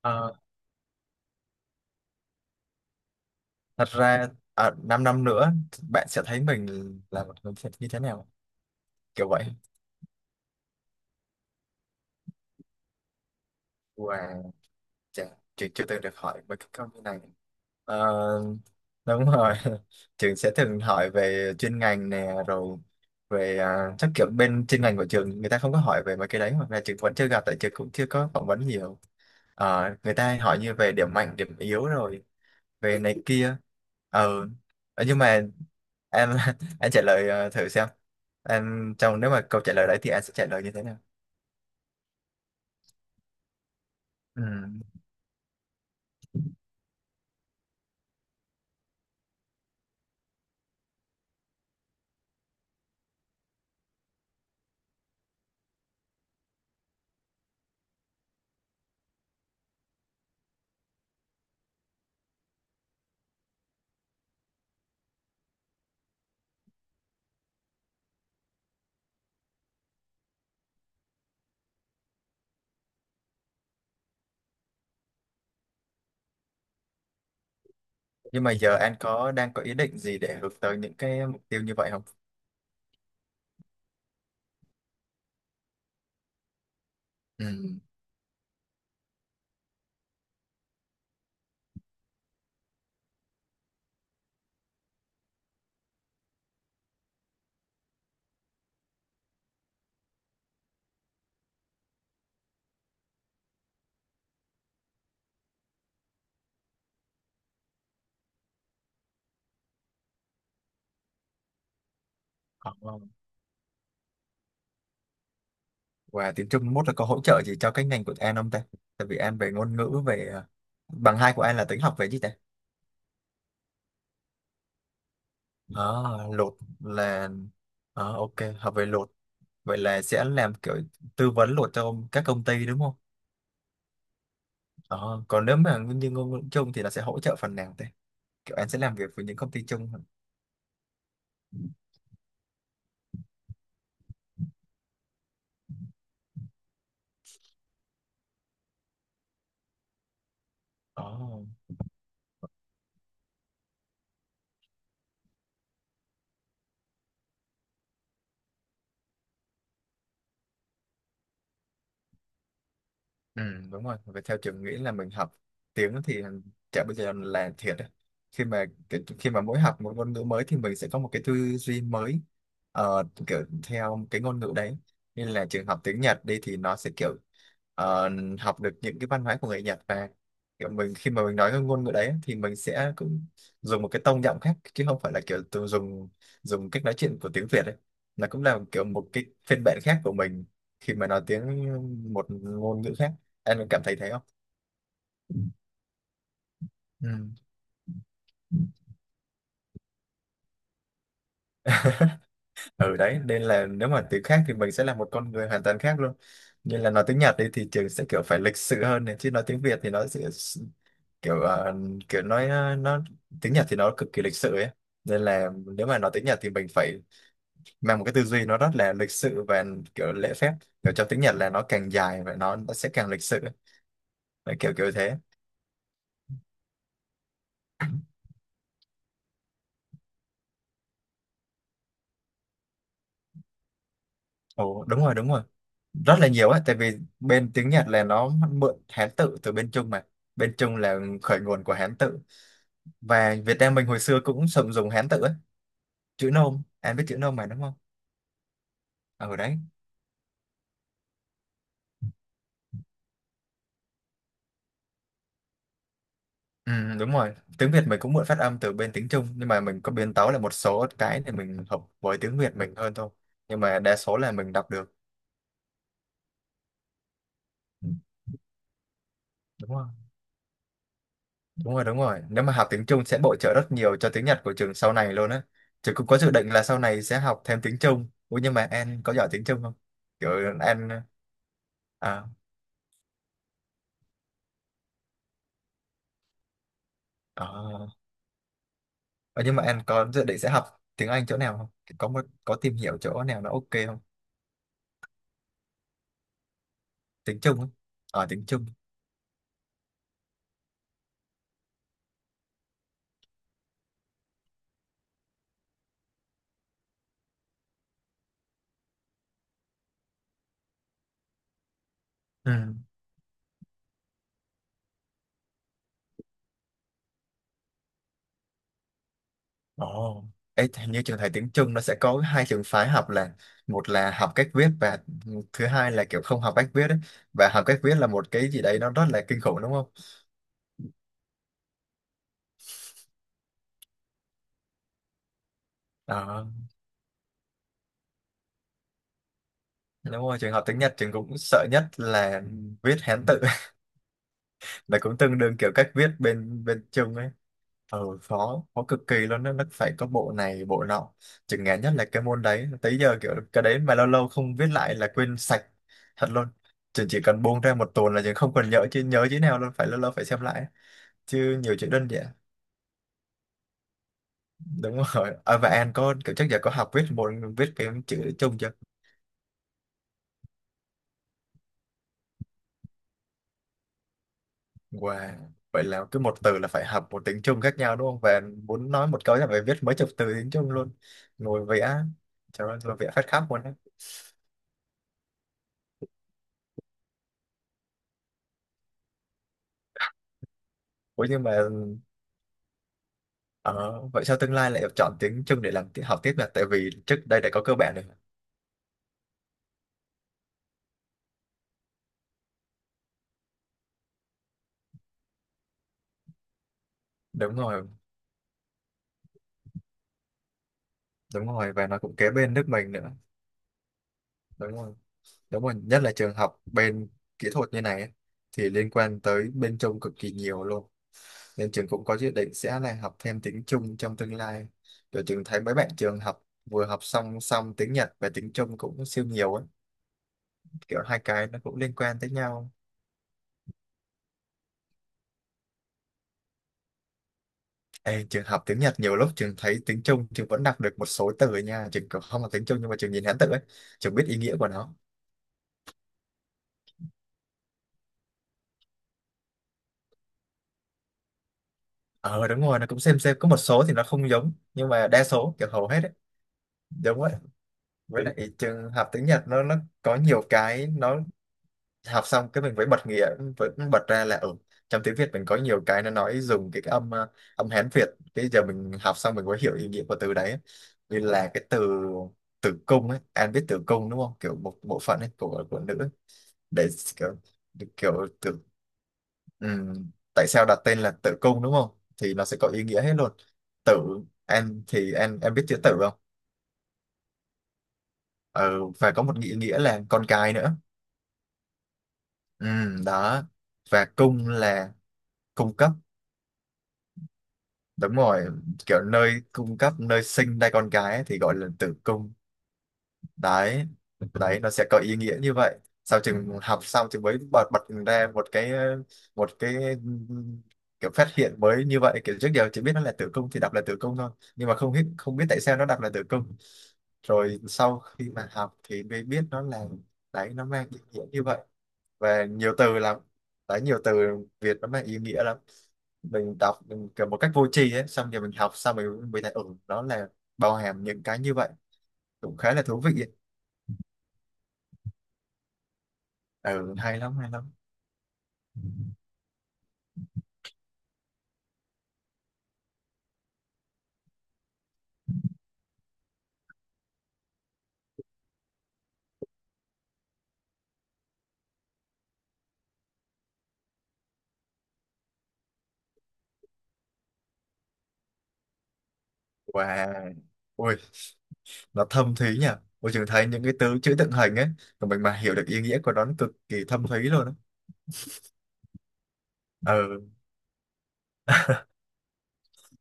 Ờ, thật ra, 5 năm năm nữa bạn sẽ thấy mình là một người như thế nào, kiểu vậy. Wow, chà, trường chưa từng được hỏi về cái câu như này. Ờ, đúng rồi. Trường sẽ thường hỏi về chuyên ngành nè, rồi về, chắc kiểu bên chuyên ngành của trường người ta không có hỏi về mấy cái đấy, hoặc là trường vẫn chưa gặp, tại trường cũng chưa có phỏng vấn nhiều. Ờ, người ta hay hỏi như về điểm mạnh điểm yếu, rồi về này kia. ờ nhưng mà em anh trả lời, thử xem em nếu mà câu trả lời đấy thì anh sẽ trả lời như thế nào. Ừ. Nhưng mà giờ anh có đang có ý định gì để hướng tới những cái mục tiêu như vậy không? Ừ. Có. Và tiếng Trung mốt là có hỗ trợ gì cho cái ngành của anh không ta? Tại vì anh về ngôn ngữ, về bằng hai của anh là tính học về gì ta? à, Lột là, ok. Học về lột vậy là sẽ làm kiểu tư vấn lột cho các công ty, đúng không? Đó. Còn nếu mà nguyên nhân ngôn ngữ chung thì nó sẽ hỗ trợ phần nào thế? Kiểu anh sẽ làm việc với những công ty chung hả? Đó. Ừ, đúng rồi. Và theo trường nghĩ là mình học tiếng thì chả bây giờ là thiệt đấy. Khi mà mỗi học một ngôn ngữ mới thì mình sẽ có một cái tư duy mới, kiểu theo cái ngôn ngữ đấy. Nên là trường học tiếng Nhật đi thì nó sẽ kiểu ờ, học được những cái văn hóa của người Nhật. Và kiểu mình, khi mà mình nói cái ngôn ngữ đấy thì mình sẽ cũng dùng một cái tông giọng khác, chứ không phải là kiểu tự dùng dùng cách nói chuyện của tiếng Việt đấy. Nó cũng là kiểu một cái phiên bản khác của mình khi mà nói tiếng, một ngôn ngữ khác. Anh có cảm thấy thế không? Ừ. Ừ, đấy nên là nếu mà tiếng khác thì mình sẽ là một con người hoàn toàn khác luôn. Như là nói tiếng Nhật đi thì trường sẽ kiểu phải lịch sự hơn này, chứ nói tiếng Việt thì nó sẽ kiểu, kiểu nói, nó tiếng Nhật thì nó cực kỳ lịch sự ấy. Nên là nếu mà nói tiếng Nhật thì mình phải mang một cái tư duy nó rất là lịch sự và kiểu lễ phép. Kiểu trong tiếng Nhật là nó càng dài và nó sẽ càng lịch sự ấy. Đấy, kiểu kiểu thế. Ồ, đúng rồi, đúng rồi, rất là nhiều ấy, tại vì bên tiếng Nhật là nó mượn Hán tự từ bên Trung mà. Bên Trung là khởi nguồn của Hán tự. Và Việt Nam mình hồi xưa cũng sử dụng Hán tự ấy. Chữ Nôm, anh biết chữ Nôm mà, đúng không? Ở đấy. Ừ, đúng rồi, tiếng Việt mình cũng mượn phát âm từ bên tiếng Trung, nhưng mà mình có biến tấu lại một số cái để mình hợp với tiếng Việt mình hơn thôi. Nhưng mà đa số là mình đọc được. Ừ, đúng không? Đúng rồi, đúng rồi. Nếu mà học tiếng Trung sẽ bổ trợ rất nhiều cho tiếng Nhật của trường sau này luôn á. Trường cũng có dự định là sau này sẽ học thêm tiếng Trung. Ủa, nhưng mà em có giỏi tiếng Trung không? Kiểu em à. Ờ, nhưng mà em có dự định sẽ học tiếng Anh chỗ nào không? Có tìm hiểu chỗ nào nó ok không? Tiếng Trung á. Ờ, tiếng Trung. Ừ. Ồ. Ê, hình như trường thầy tiếng Trung nó sẽ có hai trường phái học là: một là học cách viết, và thứ hai là kiểu không học cách viết ấy. Và học cách viết là một cái gì đấy nó rất là kinh khủng, đúng không? Ờ. Đúng rồi, trường học tiếng Nhật trường cũng sợ nhất là viết Hán tự là cũng tương đương kiểu cách viết bên bên Trung ấy. Ừ, khó, khó cực kỳ luôn đó. Nó phải có bộ này, bộ nọ. Trường ngán nhất là cái môn đấy. Tới giờ kiểu cái đấy mà lâu lâu không viết lại là quên sạch thật luôn. Trường chỉ cần buông ra một tuần là trường không còn nhớ chứ nhớ chữ nào luôn, phải lâu lâu phải xem lại. Chứ nhiều chữ đơn giản. Đúng rồi. À, và An có kiểu chắc giờ có học viết một viết cái chữ Trung chưa? Wow. Vậy là cứ một từ là phải học một tiếng Trung khác nhau đúng không? Và muốn nói một câu là phải viết mấy chục từ tiếng Trung luôn. Ngồi vẽ, trời ơi, ngồi vẽ phát khắp luôn á. Ủa, nhưng mà ờ, vậy sao tương lai lại chọn tiếng Trung để làm học tiếp là tại vì trước đây đã có cơ bản rồi. Đúng rồi, đúng rồi, và nó cũng kế bên nước mình nữa. Đúng rồi. Đúng rồi, nhất là trường học bên kỹ thuật như này á, thì liên quan tới bên Trung cực kỳ nhiều luôn. Nên trường cũng có dự định sẽ là học thêm tiếng Trung trong tương lai. Kiểu trường thấy mấy bạn trường học vừa học song song tiếng Nhật và tiếng Trung cũng siêu nhiều ấy. Kiểu hai cái nó cũng liên quan tới nhau. Ê, trường học tiếng Nhật nhiều lúc trường thấy tiếng Trung trường vẫn đọc được một số từ nha. Trường cũng không học tiếng Trung nhưng mà trường nhìn Hán tự ấy trường biết ý nghĩa của nó. Ờ Đúng rồi, nó cũng xem có một số thì nó không giống, nhưng mà đa số kiểu hầu hết ấy. Đúng vậy. Với lại trường học tiếng Nhật nó có nhiều cái, nó học xong cái mình phải bật nghĩa, vẫn bật ra là ở trong tiếng Việt mình có nhiều cái nó nói dùng cái âm Hán Việt. Bây giờ mình học xong mình mới hiểu ý nghĩa của từ đấy. Như là cái từ tử cung ấy, An biết tử cung đúng không, kiểu một bộ phận ấy của nữ ấy. Để kiểu kiểu tử, tại sao đặt tên là tử cung đúng không? Thì nó sẽ có ý nghĩa hết luôn. Tử. Em thì em biết chữ tử không? Ừ, và có một nghĩa, nghĩa là con cái nữa. Đó. Và cung là cung cấp. Đúng rồi, kiểu nơi cung cấp, nơi sinh ra con gái ấy thì gọi là tử cung. Đấy, đấy nó sẽ có ý nghĩa như vậy. Sau chừng học xong thì mới bật bật ra một cái, một cái kiểu phát hiện mới như vậy. Kiểu trước giờ chỉ biết nó là tử cung thì đọc là tử cung thôi, nhưng mà không biết tại sao nó đọc là tử cung. Rồi sau khi mà học thì mới biết nó là, đấy, nó mang ý nghĩa như vậy. Và nhiều từ lắm. Đấy, nhiều từ Việt nó mang ý nghĩa lắm. Mình đọc mình kiểu một cách vô tri ấy, xong rồi mình học xong rồi mình thấy ừ, đó là bao hàm những cái như vậy, cũng khá là thú vị ấy. Ừ, hay lắm, hay lắm. Wow, ui, nó thâm thúy nhỉ. Ôi, trường thấy những cái từ chữ tượng hình ấy của mình mà hiểu được ý nghĩa của nó cực kỳ thâm thúy luôn á. Ừ,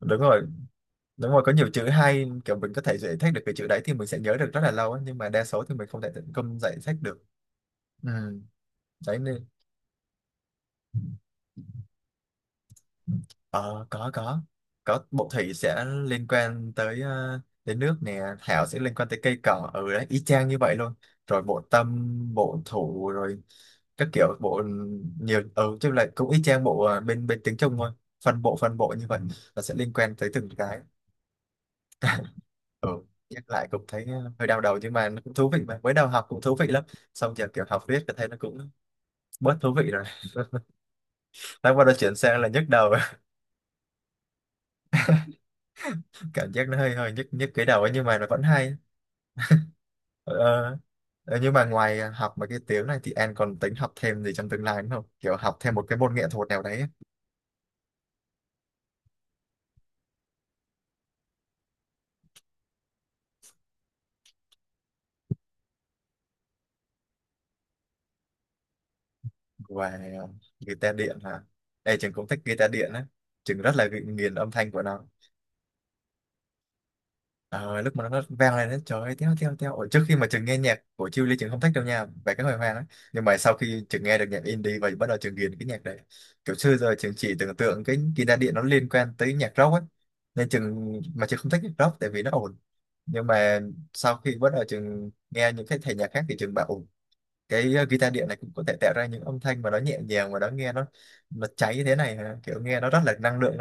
đúng rồi, đúng rồi. Có nhiều chữ hay, kiểu mình có thể giải thích được cái chữ đấy thì mình sẽ nhớ được rất là lâu ấy. Nhưng mà đa số thì mình không thể tận công giải thích được. Ừ, đấy nên. Ờ, có bộ thủy sẽ liên quan tới, tới nước nè, thảo sẽ liên quan tới cây cỏ ở đấy, y chang như vậy luôn. Rồi bộ tâm, bộ thủ, rồi các kiểu bộ, nhiều, ừ chứ lại cũng y chang bộ, bên bên tiếng Trung thôi. Phân bộ, phân bộ như vậy là sẽ liên quan tới từng cái. Ừ, nhắc lại cũng thấy hơi đau đầu, nhưng mà nó cũng thú vị mà. Mới đầu học cũng thú vị lắm, xong giờ kiểu học riết thì thấy nó cũng bớt thú vị rồi. Tới bắt đầu chuyển sang là nhức đầu. Cảm giác nó hơi hơi nhức nhức cái đầu ấy, nhưng mà nó vẫn hay. Ờ, nhưng mà ngoài học mấy cái tiếng này thì em còn tính học thêm gì trong tương lai nữa không? Kiểu học thêm một cái môn nghệ thuật nào đấy ấy. Ngoài guitar điện là... Ê, trường cũng thích guitar điện á, trường rất là nghiền âm thanh của nó. Ờ, lúc mà nó vang lên, nó trời ơi, teo teo teo. Ủa, trước khi mà Trường nghe nhạc của Chiêu Ly, Trường không thích đâu nha, về cái hồi hoang ấy. Nhưng mà sau khi Trường nghe được nhạc indie và bắt đầu Trường ghiền cái nhạc đấy. Kiểu xưa giờ Trường chỉ tưởng tượng cái guitar điện nó liên quan tới nhạc rock ấy. Nên Trường mà Trường không thích nhạc rock tại vì nó ồn. Nhưng mà sau khi bắt đầu Trường nghe những cái thể nhạc khác thì Trường bảo, ổn. Cái guitar điện này cũng có thể tạo ra những âm thanh mà nó nhẹ nhàng, mà nó nghe, nó cháy như thế này hả? Kiểu nghe nó rất là năng lượng.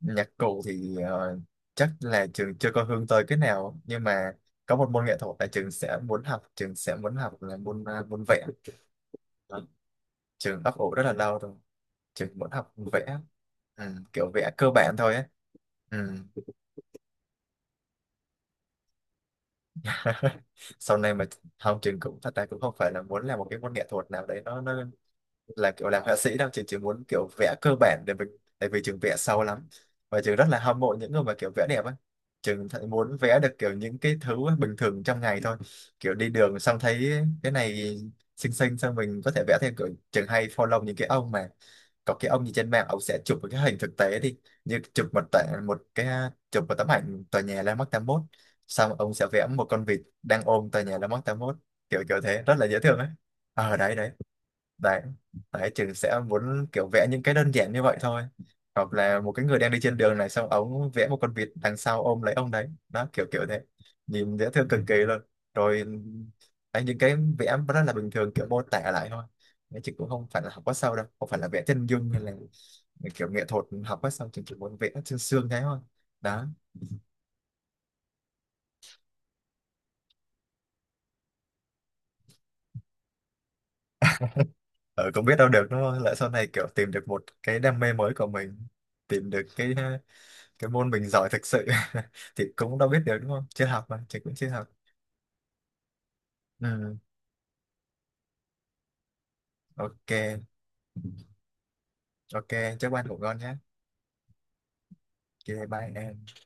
Nhạc cụ thì chắc là trường chưa có hướng tới cái nào, nhưng mà có một môn nghệ thuật là trường sẽ muốn học, là môn, môn vẽ. Đó. Trường ấp ủ rất là lâu rồi, trường muốn học vẽ. Ừ, kiểu vẽ cơ bản thôi ấy. Ừ. Sau này mà, không, trường cũng thật ra cũng không phải là muốn làm một cái môn nghệ thuật nào đấy, nó là kiểu làm họa sĩ đâu. Trường chỉ muốn kiểu vẽ cơ bản để mình. Tại vì trường vẽ sâu lắm, và trường rất là hâm mộ những người mà kiểu vẽ đẹp á. Trường thấy muốn vẽ được kiểu những cái thứ bình thường trong ngày thôi. Kiểu đi đường xong thấy cái này xinh xinh, xong mình có thể vẽ thêm. Kiểu trường hay follow những cái ông mà, có cái ông gì trên mạng ông sẽ chụp một cái hình thực tế đi, như chụp một tệ một cái chụp một tấm ảnh tòa nhà Landmark 81, xong ông sẽ vẽ một con vịt đang ôm tòa nhà Landmark 81, kiểu kiểu thế, rất là dễ thương ấy. Đấy, đấy, đấy, đấy, trừ sẽ muốn kiểu vẽ những cái đơn giản như vậy thôi. Hoặc là một cái người đang đi trên đường này xong ống vẽ một con vịt đằng sau ôm lấy ông đấy đó, kiểu kiểu thế. Nhìn dễ thương cực kỳ luôn. Rồi, đấy, những cái vẽ rất là bình thường kiểu mô tả lại thôi. Đấy, chị cũng không phải là học quá sâu đâu, không phải là vẽ chân dung hay là kiểu nghệ thuật học quá sâu, chị chỉ muốn vẽ sương xương thế thôi đó. Ở cũng biết đâu được đúng không, lỡ sau này kiểu tìm được một cái đam mê mới của mình, tìm được cái môn mình giỏi thực sự. Thì cũng đâu biết được đúng không, chưa học mà chị cũng chưa học. Ừ. Ok, ok, chúc bạn ngủ ngon nhé. Ok, bye em.